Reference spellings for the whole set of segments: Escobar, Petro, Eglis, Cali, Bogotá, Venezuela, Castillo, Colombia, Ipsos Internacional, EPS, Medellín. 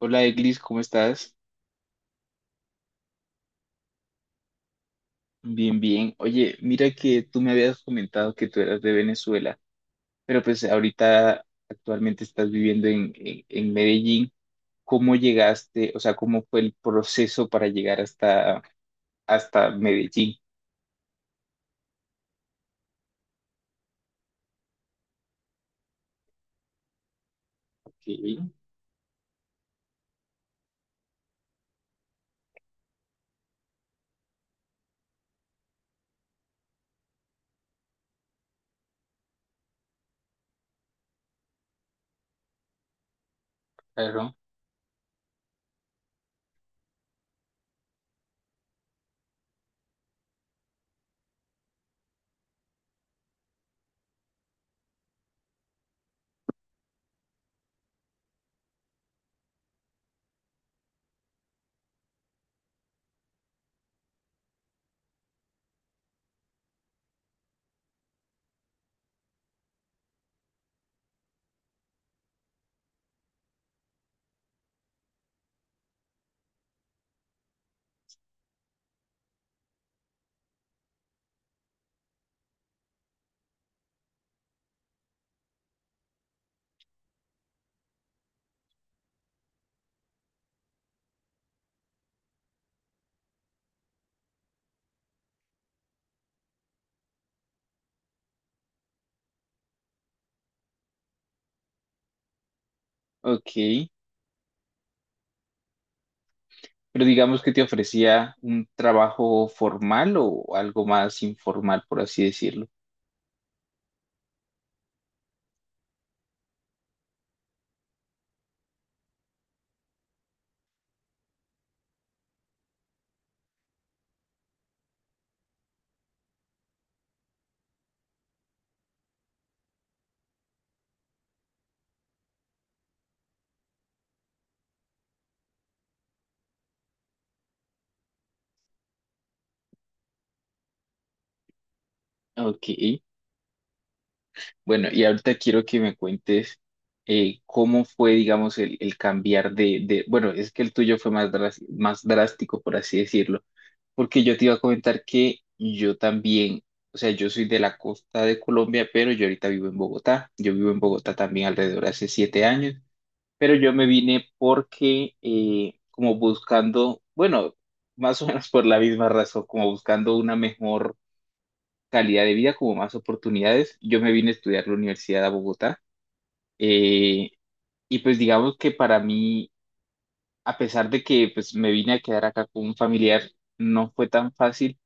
Hola Eglis, ¿cómo estás? Bien, bien. Oye, mira que tú me habías comentado que tú eras de Venezuela, pero pues ahorita actualmente estás viviendo en Medellín. ¿Cómo llegaste? O sea, ¿cómo fue el proceso para llegar hasta Medellín? Ok, claro. Ok. Pero digamos que te ofrecía un trabajo formal o algo más informal, por así decirlo. Ok. Bueno, y ahorita quiero que me cuentes cómo fue, digamos, el cambiar bueno, es que el tuyo fue más, más drástico, por así decirlo, porque yo te iba a comentar que yo también, o sea, yo soy de la costa de Colombia, pero yo ahorita vivo en Bogotá, yo vivo en Bogotá también alrededor de hace 7 años, pero yo me vine porque como buscando, bueno, más o menos por la misma razón, como buscando una mejor calidad de vida, como más oportunidades, yo me vine a estudiar la universidad a Bogotá. Eh, y pues digamos que para mí, a pesar de que pues me vine a quedar acá con un familiar, no fue tan fácil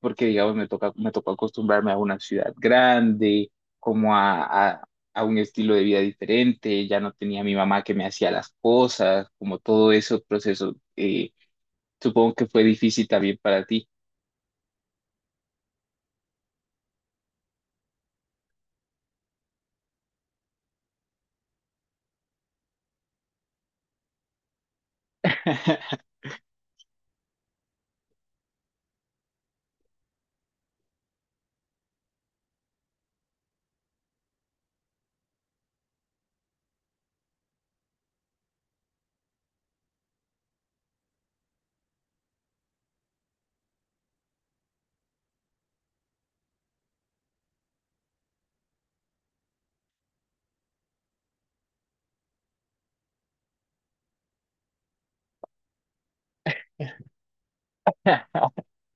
porque digamos me tocó acostumbrarme a una ciudad grande, como a un estilo de vida diferente, ya no tenía a mi mamá que me hacía las cosas, como todo ese proceso. Supongo que fue difícil también para ti.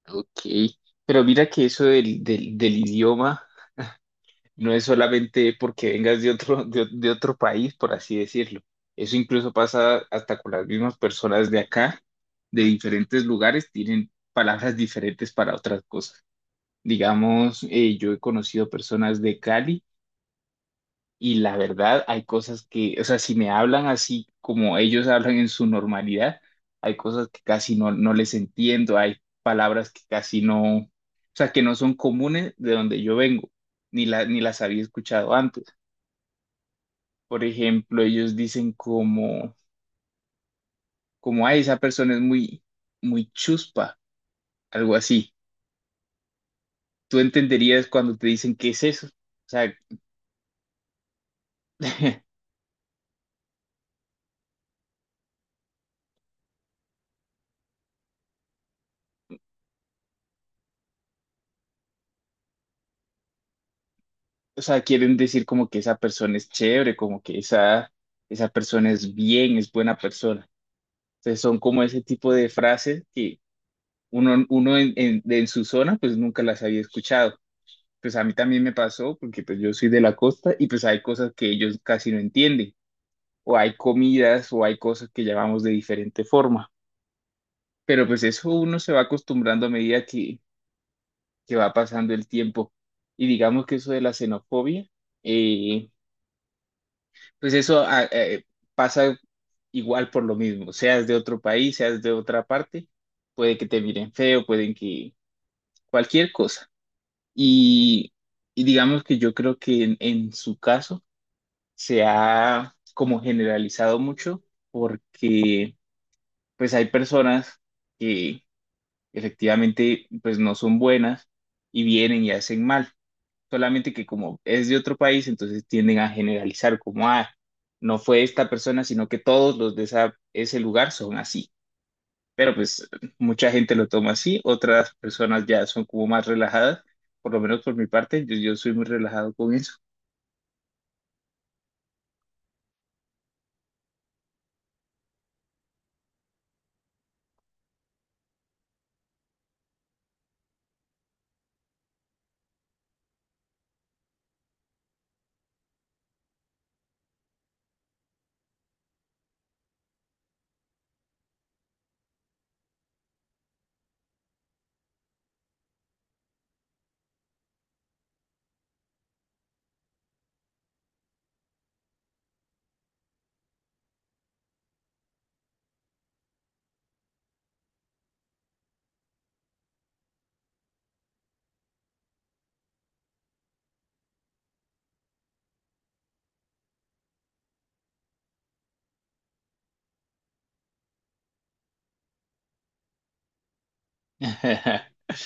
Ok, pero mira que eso del idioma. No es solamente porque vengas de otro, de otro país, por así decirlo. Eso incluso pasa hasta con las mismas personas de acá, de diferentes lugares, tienen palabras diferentes para otras cosas. Digamos, yo he conocido personas de Cali y la verdad hay cosas que, o sea, si me hablan así como ellos hablan en su normalidad, hay cosas que casi no, no les entiendo, hay palabras que casi no, o sea, que no son comunes de donde yo vengo, ni las había escuchado antes. Por ejemplo, ellos dicen como, ay, esa persona es muy chuspa, algo así. Tú entenderías cuando te dicen qué es eso. O sea, o sea, quieren decir como que esa persona es chévere, como que esa persona es bien, es buena persona. Entonces son como ese tipo de frases que uno en su zona pues nunca las había escuchado. Pues a mí también me pasó porque pues yo soy de la costa y pues hay cosas que ellos casi no entienden. O hay comidas o hay cosas que llamamos de diferente forma. Pero pues eso uno se va acostumbrando a medida que va pasando el tiempo. Y digamos que eso de la xenofobia, eh, pues eso ah, eh, pasa igual por lo mismo, seas de otro país, seas de otra parte, puede que te miren feo, pueden que cualquier cosa. Y, y digamos que yo creo que en su caso se ha como generalizado mucho porque pues hay personas que efectivamente pues no son buenas y vienen y hacen mal, solamente que como es de otro país, entonces tienden a generalizar como, ah, no fue esta persona, sino que todos los de ese lugar son así. Pero pues mucha gente lo toma así, otras personas ya son como más relajadas, por lo menos por mi parte, yo soy muy relajado con eso.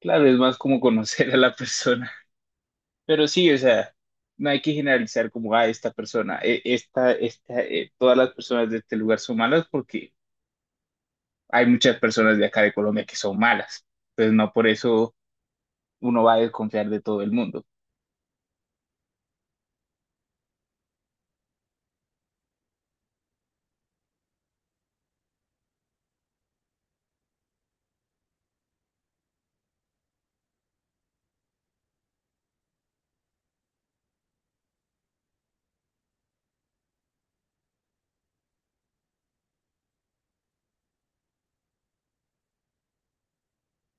Claro, es más como conocer a la persona. Pero sí, o sea, no hay que generalizar como, a esta persona, todas las personas de este lugar son malas porque hay muchas personas de acá de Colombia que son malas. Entonces, no por eso uno va a desconfiar de todo el mundo.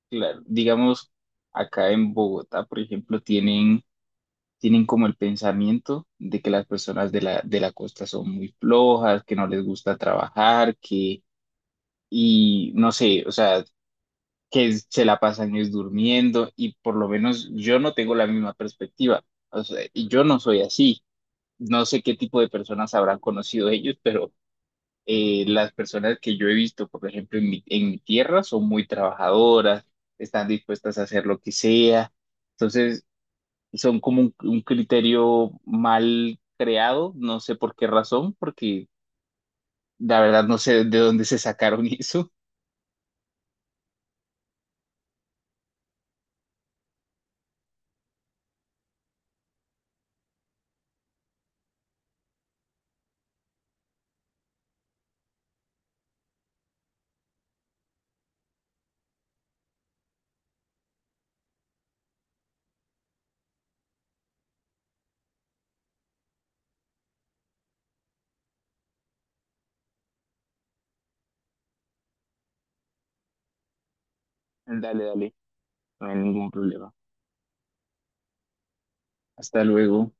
Claro, digamos, acá en Bogotá, por ejemplo, tienen como el pensamiento de que las personas de la costa son muy flojas, que no les gusta trabajar, que, y no sé, o sea, que se la pasan es durmiendo y por lo menos yo no tengo la misma perspectiva. O sea, y yo no soy así. No sé qué tipo de personas habrán conocido ellos, pero las personas que yo he visto, por ejemplo, en mi tierra son muy trabajadoras, están dispuestas a hacer lo que sea. Entonces, son como un criterio mal creado, no sé por qué razón, porque la verdad no sé de dónde se sacaron eso. Dale, dale, no hay ningún problema. Hasta luego.